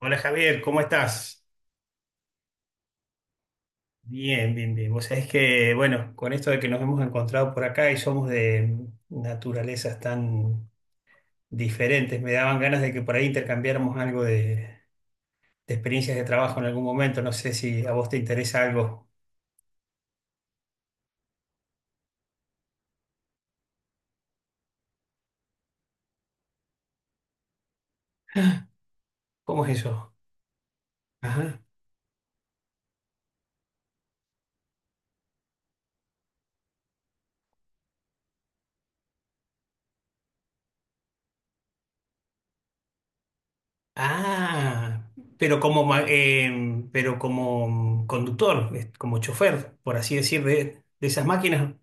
Hola Javier, ¿cómo estás? Bien, bien, bien. Vos sabés que, bueno, con esto de que nos hemos encontrado por acá y somos de naturalezas tan diferentes, me daban ganas de que por ahí intercambiáramos algo de experiencias de trabajo en algún momento. No sé si a vos te interesa algo. ¿Cómo es eso? Ajá. Ah, pero como conductor, como chofer, por así decir, de esas máquinas.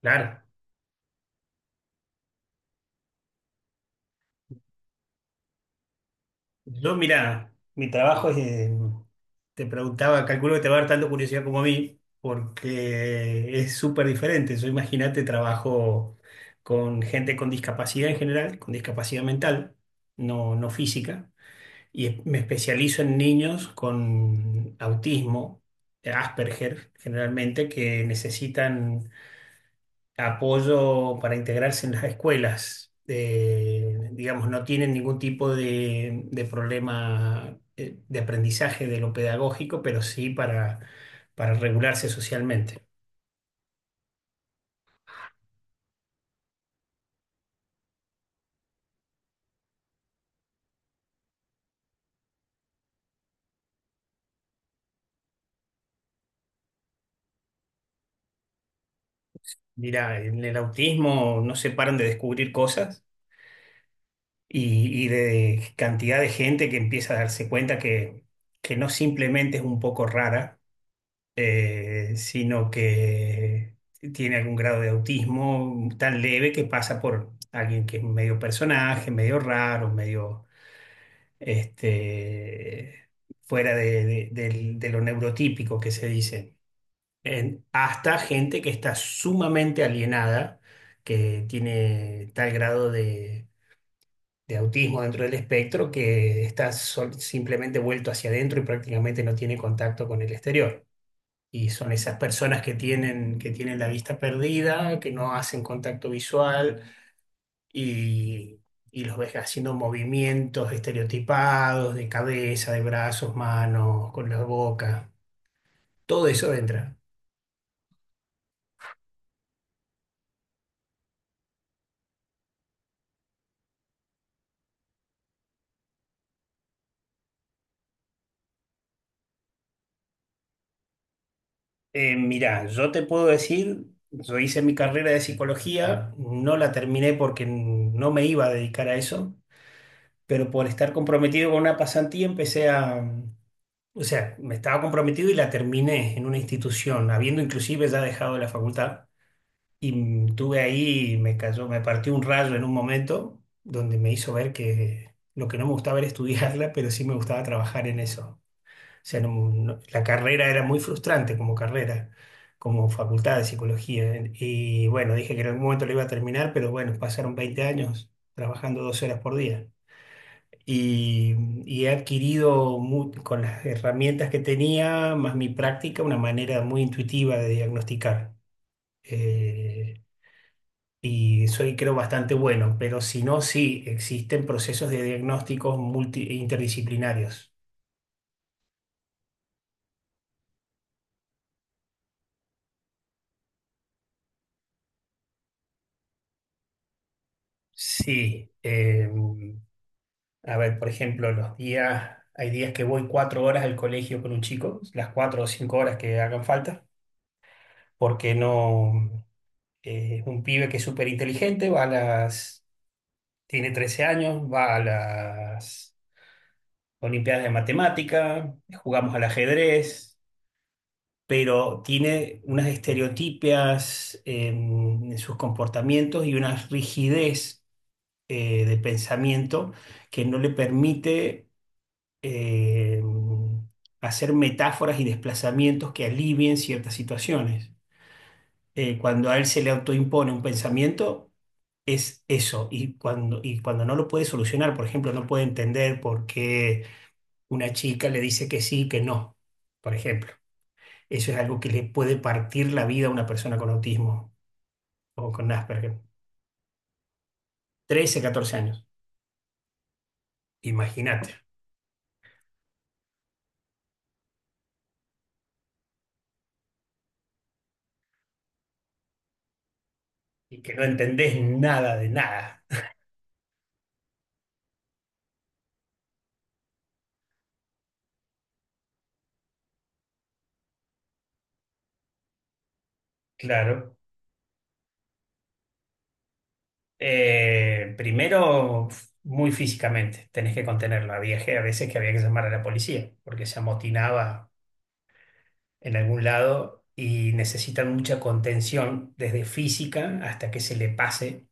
Claro. Yo, mira, mi trabajo es, te preguntaba, calculo que te va a dar tanto curiosidad como a mí, porque es súper diferente. Yo imagínate, trabajo con gente con discapacidad en general, con discapacidad mental, no, no física, me especializo en niños con autismo, Asperger, generalmente, que necesitan apoyo para integrarse en las escuelas. Digamos, no tienen ningún tipo de problema, de aprendizaje de lo pedagógico, pero sí para regularse socialmente. Mira, en el autismo no se paran de descubrir cosas y de cantidad de gente que empieza a darse cuenta que no simplemente es un poco rara, sino que tiene algún grado de autismo tan leve que pasa por alguien que es medio personaje, medio raro, medio este, fuera de lo neurotípico que se dice. Hasta gente que está sumamente alienada, que tiene tal grado de autismo dentro del espectro, que está simplemente vuelto hacia adentro y prácticamente no tiene contacto con el exterior. Y son esas personas que tienen la vista perdida, que no hacen contacto visual y, y los ves haciendo movimientos estereotipados de cabeza, de brazos, manos, con la boca. Todo eso entra. Mira, yo te puedo decir, yo hice mi carrera de psicología, no la terminé porque no me iba a dedicar a eso, pero por estar comprometido con una pasantía empecé a. O sea, me estaba comprometido y la terminé en una institución, habiendo inclusive ya dejado la facultad. Y tuve ahí, me cayó, me partió un rayo en un momento donde me hizo ver que lo que no me gustaba era estudiarla, pero sí me gustaba trabajar en eso. O sea, la carrera era muy frustrante como carrera, como facultad de psicología. Y bueno, dije que en algún momento lo iba a terminar, pero bueno, pasaron 20 años trabajando 12 horas por día y, y he adquirido con las herramientas que tenía, más mi práctica, una manera muy intuitiva de diagnosticar. Eh, y soy, creo, bastante bueno, pero si no, sí, existen procesos de diagnósticos multi interdisciplinarios. Sí, a ver, por ejemplo, los días, hay días que voy 4 horas al colegio con un chico, las 4 o 5 horas que hagan falta, porque no, es un pibe que es súper inteligente, va a las tiene 13 años, va a las Olimpiadas de Matemática, jugamos al ajedrez, pero tiene unas estereotipias en sus comportamientos y una rigidez, de pensamiento, que no le permite, eh, hacer metáforas y desplazamientos que alivien ciertas situaciones. Cuando a él se le autoimpone un pensamiento, es eso. Y cuando no lo puede solucionar, por ejemplo, no puede entender por qué una chica le dice que sí, que no, por ejemplo. Eso es algo que le puede partir la vida a una persona con autismo o con Asperger. 13, 14 años, imagínate. Y que no entendés nada de nada. Claro. Primero, muy físicamente, tenés que contenerla. Había a veces que había que llamar a la policía porque se amotinaba en algún lado y necesitan mucha contención, desde física hasta que se le pase.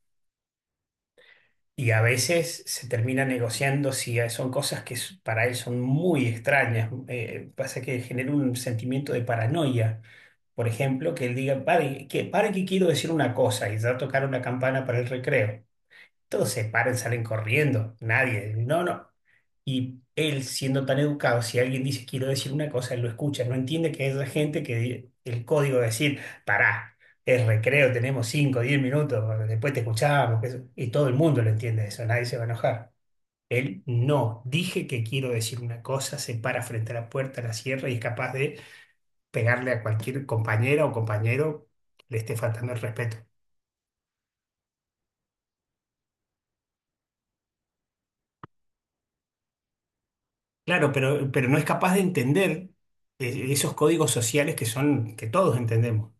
Y a veces se termina negociando si son cosas que para él son muy extrañas. Pasa que genera un sentimiento de paranoia. Por ejemplo, que él diga, para que quiero decir una cosa y ya tocar una campana para el recreo. Todos se paran, salen corriendo. Nadie. No, no. Y él, siendo tan educado, si alguien dice quiero decir una cosa, él lo escucha. No entiende que hay gente que el código de decir, pará, es recreo, tenemos 5, 10 minutos, después te escuchamos. Que eso. Y todo el mundo lo entiende eso, nadie se va a enojar. Él no, dije que quiero decir una cosa, se para frente a la puerta, la cierra y es capaz de pegarle a cualquier compañera o compañero que le esté faltando el respeto. Claro, pero no es capaz de entender, esos códigos sociales que son, que todos entendemos,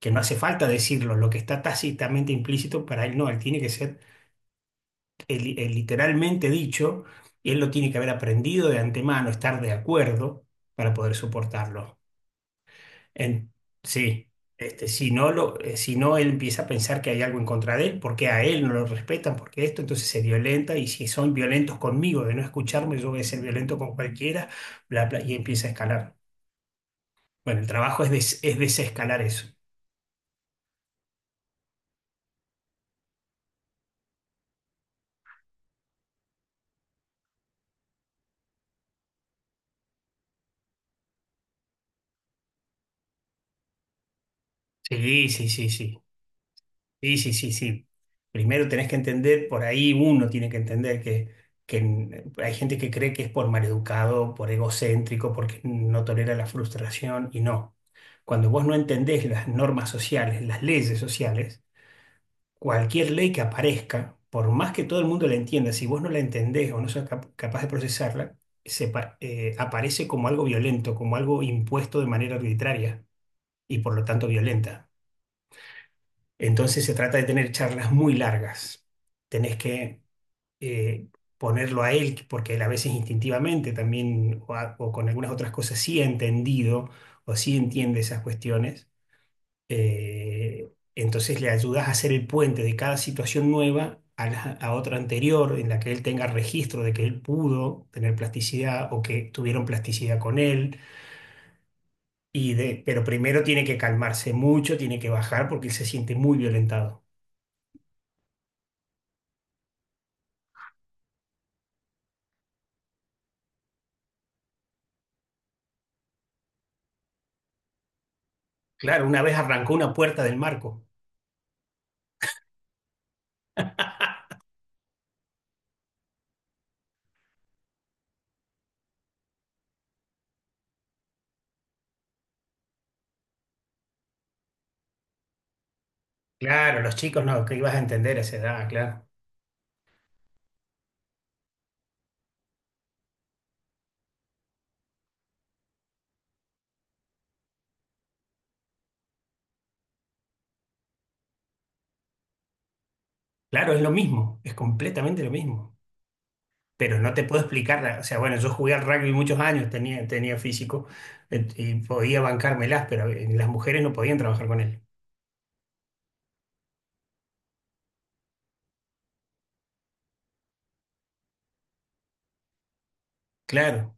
que no hace falta decirlo, lo que está tácitamente implícito para él no, él tiene que ser el literalmente dicho y él lo tiene que haber aprendido de antemano, estar de acuerdo para poder soportarlo. En, sí, si no lo, si no él empieza a pensar que hay algo en contra de él, porque a él no lo respetan, porque esto, entonces se violenta y si son violentos conmigo de no escucharme, yo voy a ser violento con cualquiera, bla, bla, y empieza a escalar. Bueno, el trabajo es, es desescalar eso. Sí, sí, sí, sí. Sí, sí, sí, sí. Primero tenés que entender, por ahí uno tiene que entender que hay gente que cree que es por maleducado, por egocéntrico, porque no tolera la frustración y no. Cuando vos no entendés las normas sociales, las leyes sociales, cualquier ley que aparezca, por más que todo el mundo la entienda, si vos no la entendés o no sos capaz de procesarla, aparece como algo violento, como algo impuesto de manera arbitraria. Y por lo tanto violenta. Entonces se trata de tener charlas muy largas. Tenés que, eh, ponerlo a él, porque él a veces instintivamente también, o con algunas otras cosas, sí ha entendido o sí entiende esas cuestiones. Entonces le ayudas a hacer el puente de cada situación nueva a, a otra anterior, en la que él tenga registro de que él pudo tener plasticidad o que tuvieron plasticidad con él. Y de, pero primero tiene que calmarse mucho, tiene que bajar porque él se siente muy violentado. Claro, una vez arrancó una puerta del marco. Claro, los chicos no, que ibas a entender a esa edad, claro. Claro, es lo mismo, es completamente lo mismo. Pero no te puedo explicar, o sea, bueno, yo jugué al rugby muchos años, tenía físico, y podía bancármelas, pero las mujeres no podían trabajar con él. Claro,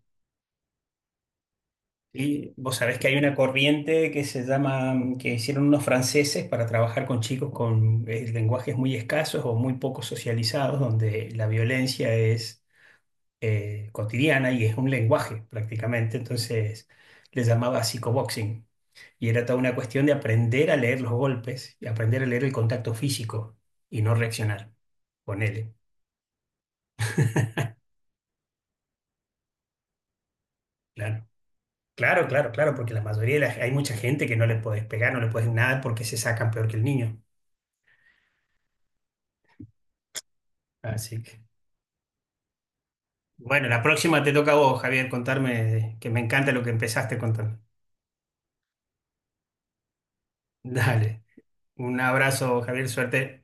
y vos sabés que hay una corriente que se llama, que hicieron unos franceses para trabajar con chicos con, lenguajes muy escasos o muy poco socializados, donde la violencia es, cotidiana y es un lenguaje prácticamente. Entonces les llamaba psicoboxing. Y era toda una cuestión de aprender a leer los golpes y aprender a leer el contacto físico y no reaccionar. Ponele, claro. Claro, claro, claro, porque la mayoría de hay mucha gente que no le podés pegar, no le podés nada porque se sacan peor que el niño. Así que, bueno, la próxima te toca a vos, Javier, contarme, que me encanta lo que empezaste a contar. Dale, un abrazo, Javier, suerte.